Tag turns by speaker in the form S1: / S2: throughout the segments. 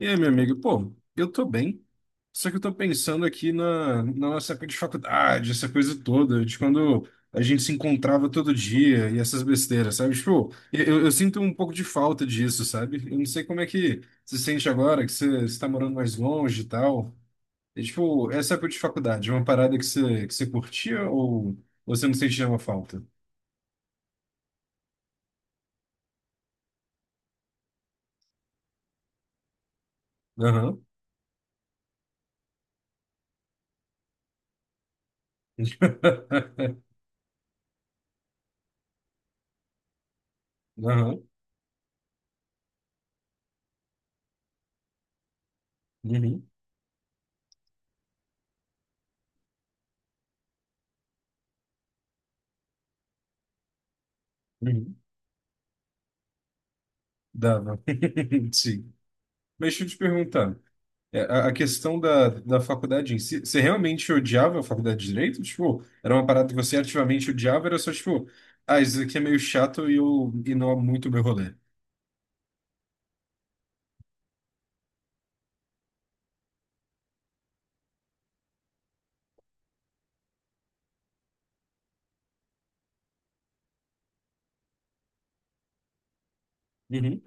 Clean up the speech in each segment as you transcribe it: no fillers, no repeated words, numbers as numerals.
S1: E aí, meu amigo? Pô, eu tô bem. Só que eu tô pensando aqui na nossa época de faculdade, essa coisa toda, de quando a gente se encontrava todo dia e essas besteiras, sabe? Tipo, eu sinto um pouco de falta disso, sabe? Eu não sei como é que você se sente agora, que você está morando mais longe e tal. E, tipo, essa época de faculdade, é uma parada que você curtia ou você não sente nenhuma falta? Aham. Aham. Uhum. Uhum. Dava. Sim. Mas deixa eu te perguntar. É, a questão da, da faculdade em si, você realmente odiava a faculdade de Direito? Tipo, era uma parada que você ativamente odiava, era só tipo, ah, isso aqui é meio chato e, eu, e não é muito o meu rolê. Uhum,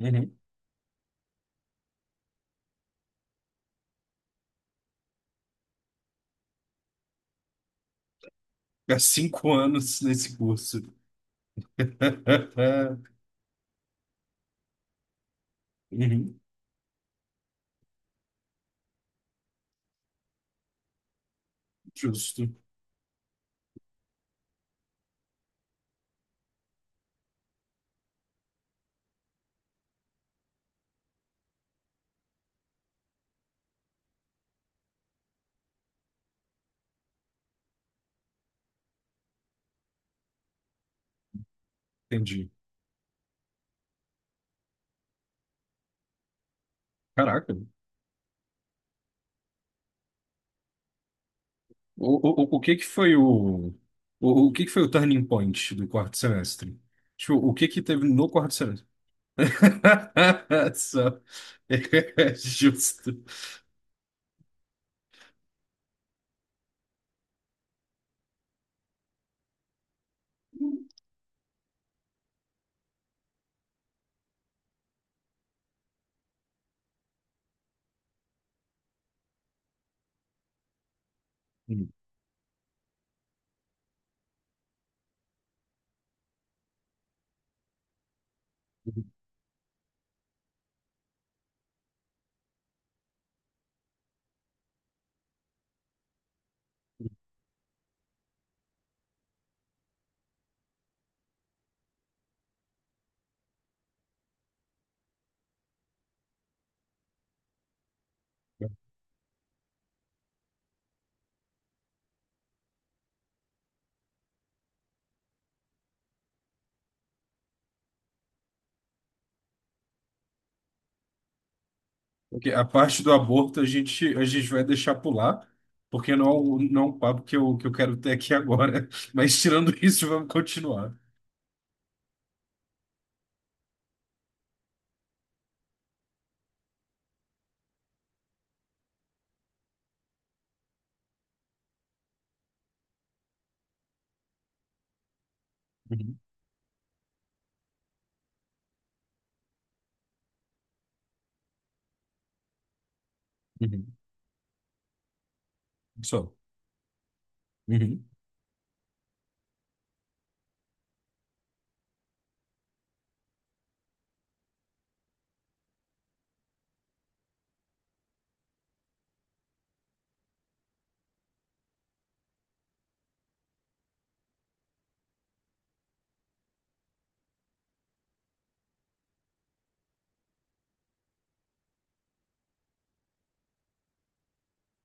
S1: uhum. Há 5 anos nesse curso. uhum. Justo, entendi. Caraca. O, o que que foi o que que foi o turning point do quarto semestre? Tipo, o que que teve no quarto semestre? Só. Justo. Porque a parte do aborto a gente vai deixar pular, porque não é um, não é um papo que eu quero ter aqui agora. Mas tirando isso, vamos continuar. Uhum, uhum. Só. Uhum.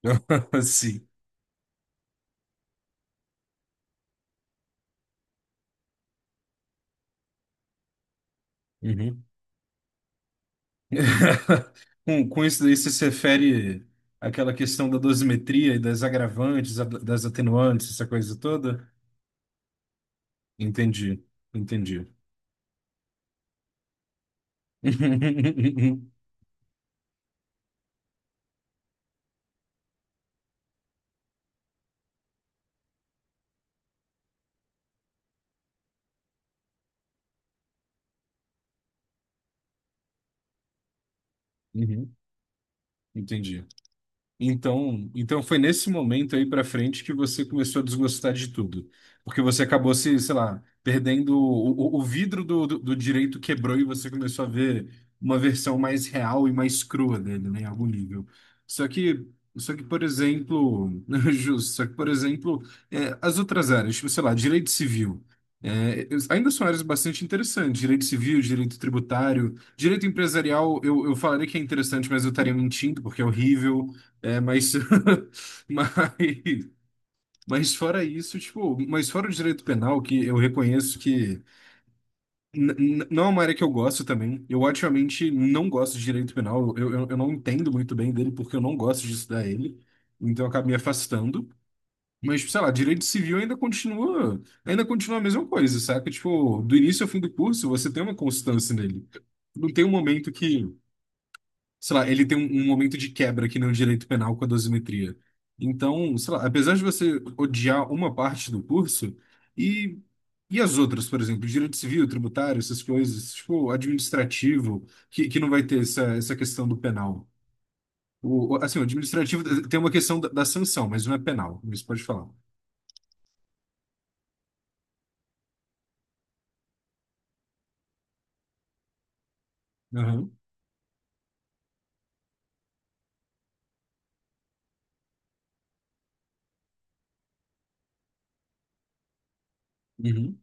S1: Sim. Uhum. Com isso daí, você se refere àquela questão da dosimetria e das agravantes, a- das atenuantes, essa coisa toda? Entendi, entendi. Uhum, entendi. Então, então foi nesse momento aí para frente que você começou a desgostar de tudo, porque você acabou se, sei lá, perdendo o vidro do, do, do direito quebrou e você começou a ver uma versão mais real e mais crua dele, né, em algum nível. Só que, só que, por exemplo, justo, só que, por exemplo, é, as outras áreas, tipo, sei lá, direito civil, é, ainda são áreas bastante interessantes, direito civil, direito tributário, direito empresarial, eu falaria que é interessante, mas eu estaria mentindo, porque é horrível. É, mas, mas, mas fora isso, tipo, mas fora o direito penal, que eu reconheço que n- n- não é uma área que eu gosto também. Eu ativamente não gosto de direito penal. Eu, eu não entendo muito bem dele porque eu não gosto de estudar ele. Então eu acabo me afastando. Mas, tipo, sei lá, direito civil ainda continua a mesma coisa, saca? Tipo, do início ao fim do curso, você tem uma constância nele. Não tem um momento que sei lá, ele tem um, um momento de quebra que nem o direito penal com a dosimetria. Então, sei lá, apesar de você odiar uma parte do curso, e, e as outras, por exemplo, direito civil, tributário, essas coisas, tipo, administrativo, que não vai ter essa, essa questão do penal. O- assim, o administrativo tem uma questão da, da sanção, mas não é penal, isso pode falar. Aham, uhum,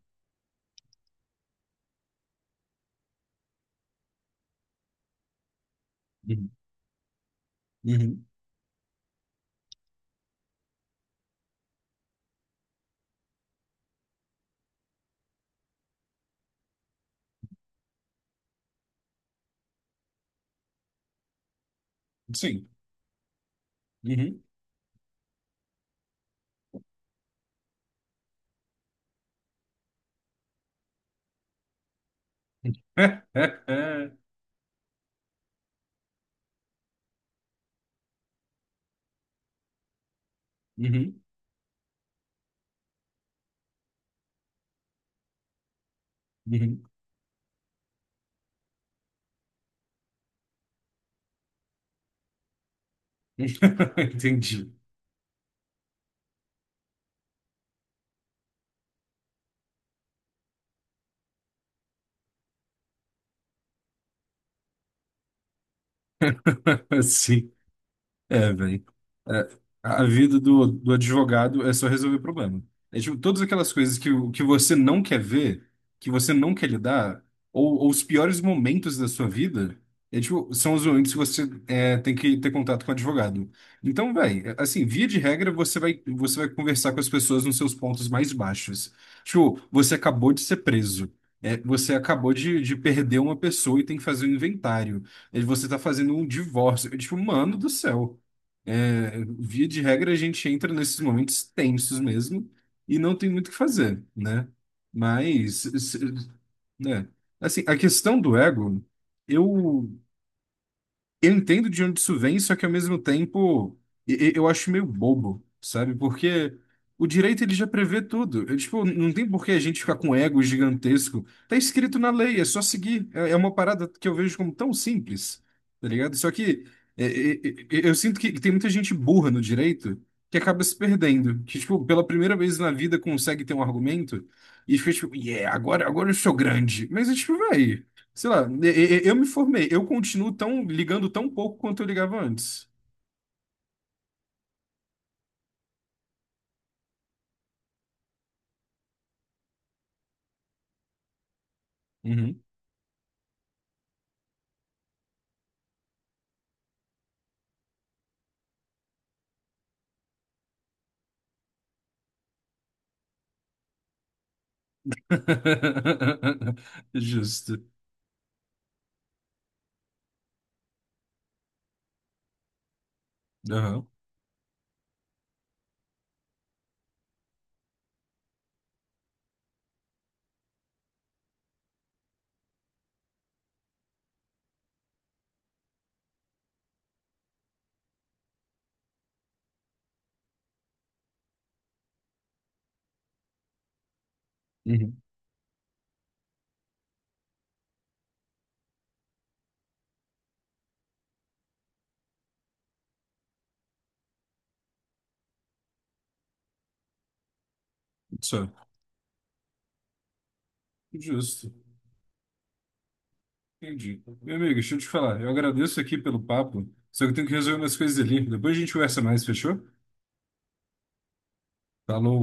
S1: uhum, uhum, sim. Uhum. Uhum. Uhum. Entendi. Assim. É, velho. É, a vida do, do advogado é só resolver problema. É tipo, todas aquelas coisas que, o- que você não quer ver, que você não quer lidar, ou os piores momentos da sua vida, é, tipo, são os momentos que você é, tem que ter contato com o advogado. Então, velho, é, assim, via de regra, você vai conversar com as pessoas nos seus pontos mais baixos. Tipo, você acabou de ser preso. É, você acabou de perder uma pessoa e tem que fazer um inventário. É, você tá fazendo um divórcio. É, tipo, mano do céu. É, via de regra, a gente entra nesses momentos tensos mesmo e não tem muito o que fazer, né? Mas, se- né? Assim, a questão do ego, eu eu entendo de onde isso vem, só que ao mesmo tempo e- eu acho meio bobo, sabe? Porque o direito ele já prevê tudo. Eu, tipo, não tem por que a gente ficar com ego gigantesco. Tá escrito na lei, é só seguir. É, é uma parada que eu vejo como tão simples, tá ligado? Só que é, é, é, é, eu sinto que tem muita gente burra no direito que acaba se perdendo, que tipo, pela primeira vez na vida consegue ter um argumento e fica tipo, yeah, agora, agora eu sou grande. Mas é tipo, vai. Sei lá, e- eu me formei, eu continuo tão ligando tão pouco quanto eu ligava antes. Uhum. Justo. Aham. Uhum. Só. Justo. Entendi. Meu amigo, deixa eu te falar. Eu agradeço aqui pelo papo, só que eu tenho que resolver umas coisas ali. Depois a gente conversa mais, fechou? Falou.